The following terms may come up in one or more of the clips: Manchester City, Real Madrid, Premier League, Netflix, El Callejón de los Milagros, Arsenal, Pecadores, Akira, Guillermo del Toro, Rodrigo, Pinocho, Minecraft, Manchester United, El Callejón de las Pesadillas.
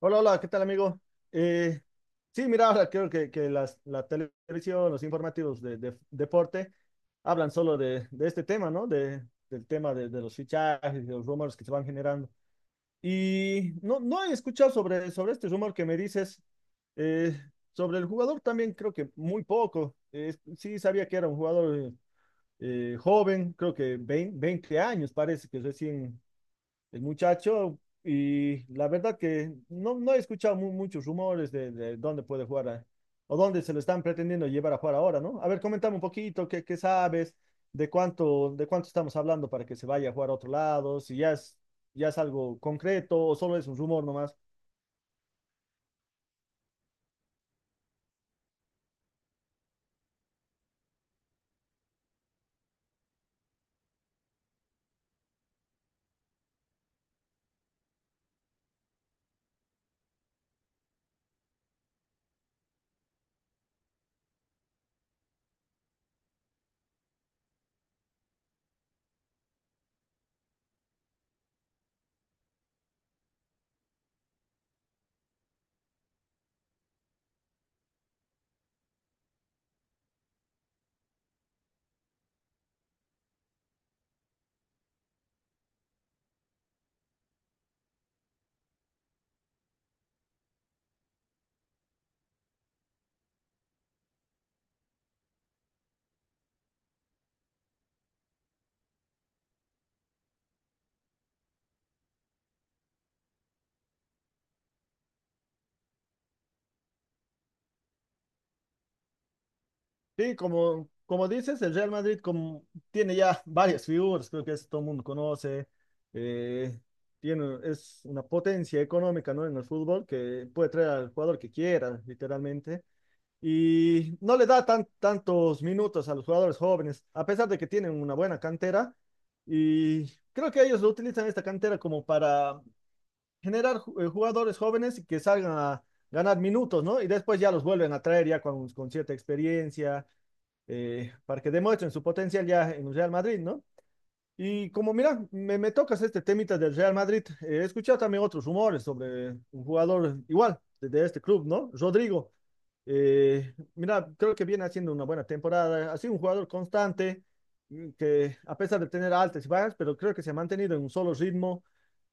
Hola, hola, ¿qué tal, amigo? Eh, sí, mira, ahora creo que la televisión, los informativos de deporte hablan solo de este tema, ¿no? Del tema de los fichajes, de los rumores que se van generando. Y no he escuchado sobre este rumor que me dices. Eh, Sobre el jugador también creo que muy poco. Sí, sabía que era un jugador joven, creo que 20 20 años, parece que recién el muchacho, y la verdad que no he escuchado muchos rumores de dónde puede jugar o dónde se lo están pretendiendo llevar a jugar ahora, ¿no? A ver, comentame un poquito, ¿ qué sabes? ¿ de cuánto estamos hablando para que se vaya a jugar a otro lado? Si ya es, ya es algo concreto o solo es un rumor nomás. Sí, como, como dices, el Real Madrid como, tiene ya varias figuras, creo que eso todo el mundo conoce. eh, Tiene, es una potencia económica, ¿no? En el fútbol que puede traer al jugador que quiera, literalmente. Y no le da tan, tantos minutos a los jugadores jóvenes, a pesar de que tienen una buena cantera. Y creo que ellos lo utilizan esta cantera como para generar jugadores jóvenes que salgan a ganar minutos, ¿no? Y después ya los vuelven a traer ya con cierta experiencia para que demuestren su potencial ya en el Real Madrid, ¿no? Y como mira, me tocas este temita del Real Madrid, he escuchado también otros rumores sobre un jugador igual de este club, ¿no? Rodrigo. Mira, creo que viene haciendo una buena temporada, ha sido un jugador constante, que a pesar de tener altas y bajas, pero creo que se ha mantenido en un solo ritmo.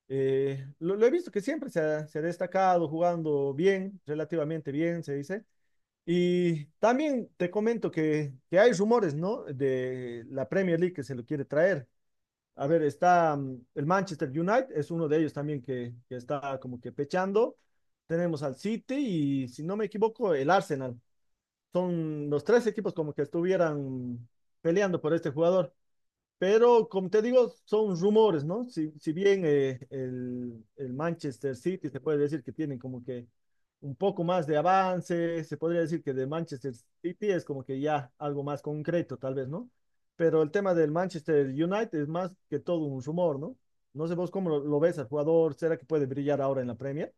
Lo he visto que se ha destacado jugando bien, relativamente bien, se dice. Y también te comento que hay rumores, ¿no? De la Premier League que se lo quiere traer. A ver, está el Manchester United, es uno de ellos también que está como que pechando. Tenemos al City y, si no me equivoco, el Arsenal. Son los tres equipos como que estuvieran peleando por este jugador. Pero como te digo, son rumores, ¿no? Si bien el Manchester City se puede decir que tienen como que un poco más de avance, se podría decir que de Manchester City es como que ya algo más concreto, tal vez, ¿no? Pero el tema del Manchester United es más que todo un rumor, ¿no? No sé vos cómo lo ves al jugador, ¿será que puede brillar ahora en la Premier?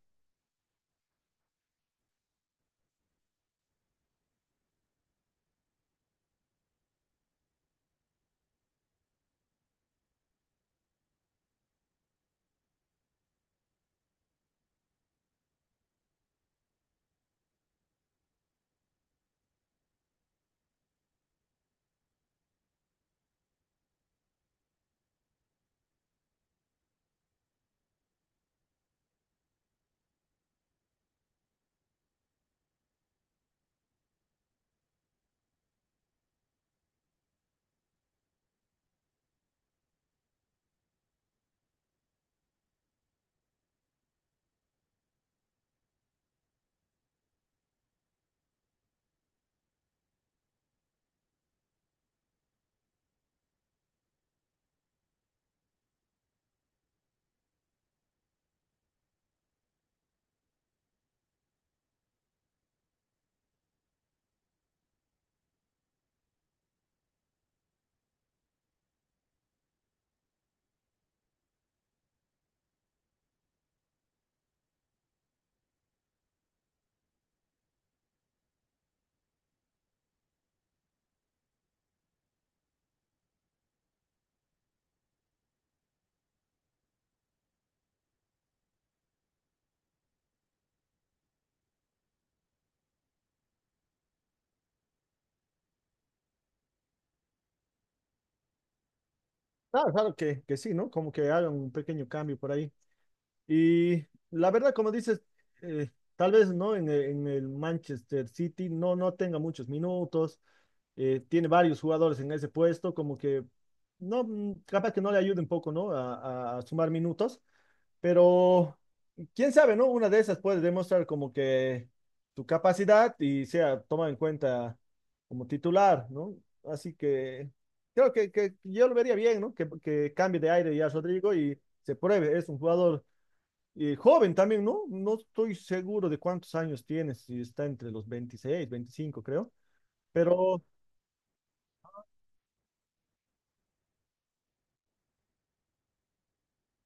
Claro, claro que sí, ¿no? Como que hagan un pequeño cambio por ahí. Y la verdad, como dices, eh, tal vez no en el, en el Manchester City no tenga muchos minutos, tiene varios jugadores en ese puesto, como que no, mm, capaz que no le ayude un poco, ¿no? A, a sumar minutos, pero quién sabe, ¿no? Una de esas puede demostrar como que su capacidad y sea tomada en cuenta como titular, ¿no? Así que creo que yo lo vería bien, ¿no? Que cambie de aire ya Rodrigo y se pruebe, es un jugador joven también, ¿no? No estoy seguro de cuántos años tiene, si está entre los 26, 25, creo. Pero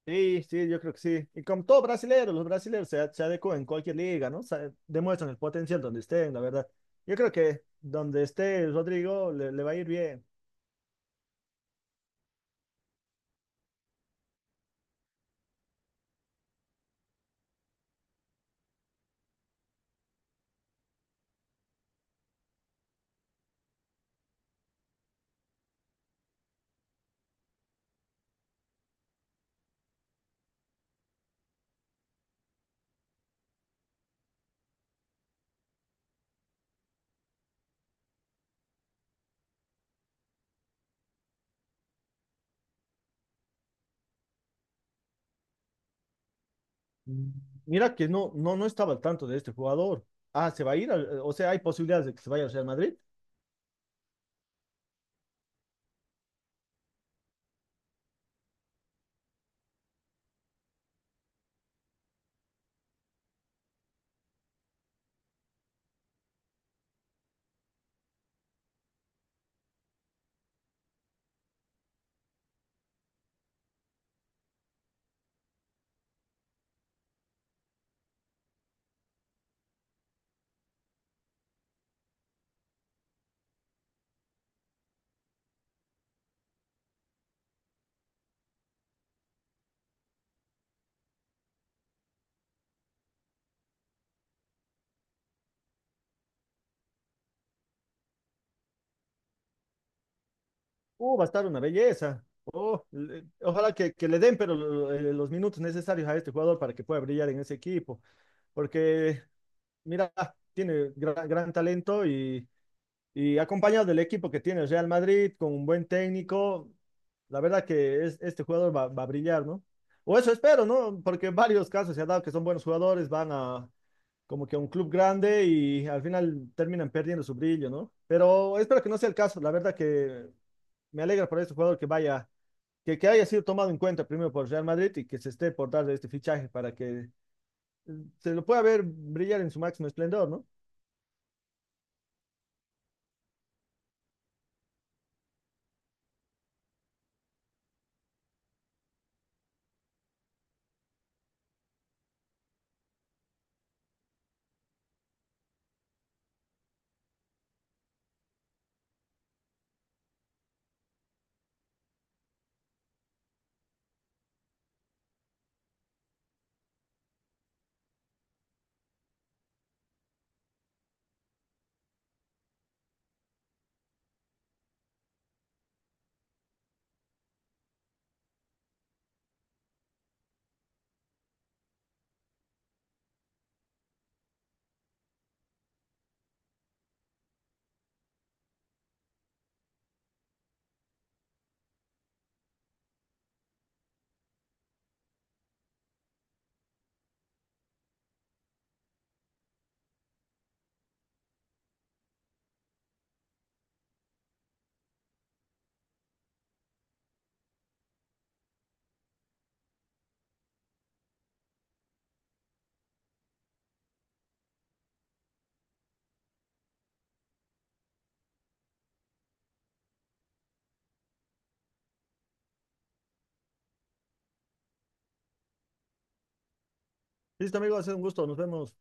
sí, sí, yo creo que sí. Y como todo brasileño, los brasileños se adecuan en cualquier liga, ¿no? Se- demuestran el potencial donde estén, la verdad. Yo creo que donde esté Rodrigo le va a ir bien. Mm. Mira que no estaba al tanto de este jugador. Ah, se va a ir, al- o sea, hay posibilidades de que se vaya al Real Madrid. Va a estar una belleza. Oh, le- ojalá que le den, pero los minutos necesarios a este jugador para que pueda brillar en ese equipo. Porque, mira, tiene gran talento y acompañado del equipo que tiene el Real Madrid, con un buen técnico, la verdad que es, este jugador va, va a brillar, ¿no? O eso espero, ¿no? Porque en varios casos se ha dado que son buenos jugadores, van a como que a un club grande y al final terminan perdiendo su brillo, ¿no? Pero espero que no sea el caso, la verdad que me alegra por este jugador que vaya, que haya sido tomado en cuenta primero por Real Madrid y que se esté por dar este fichaje para que eh, se lo pueda ver brillar en su máximo esplendor, ¿no? Listo, amigos, es un gusto. Nos vemos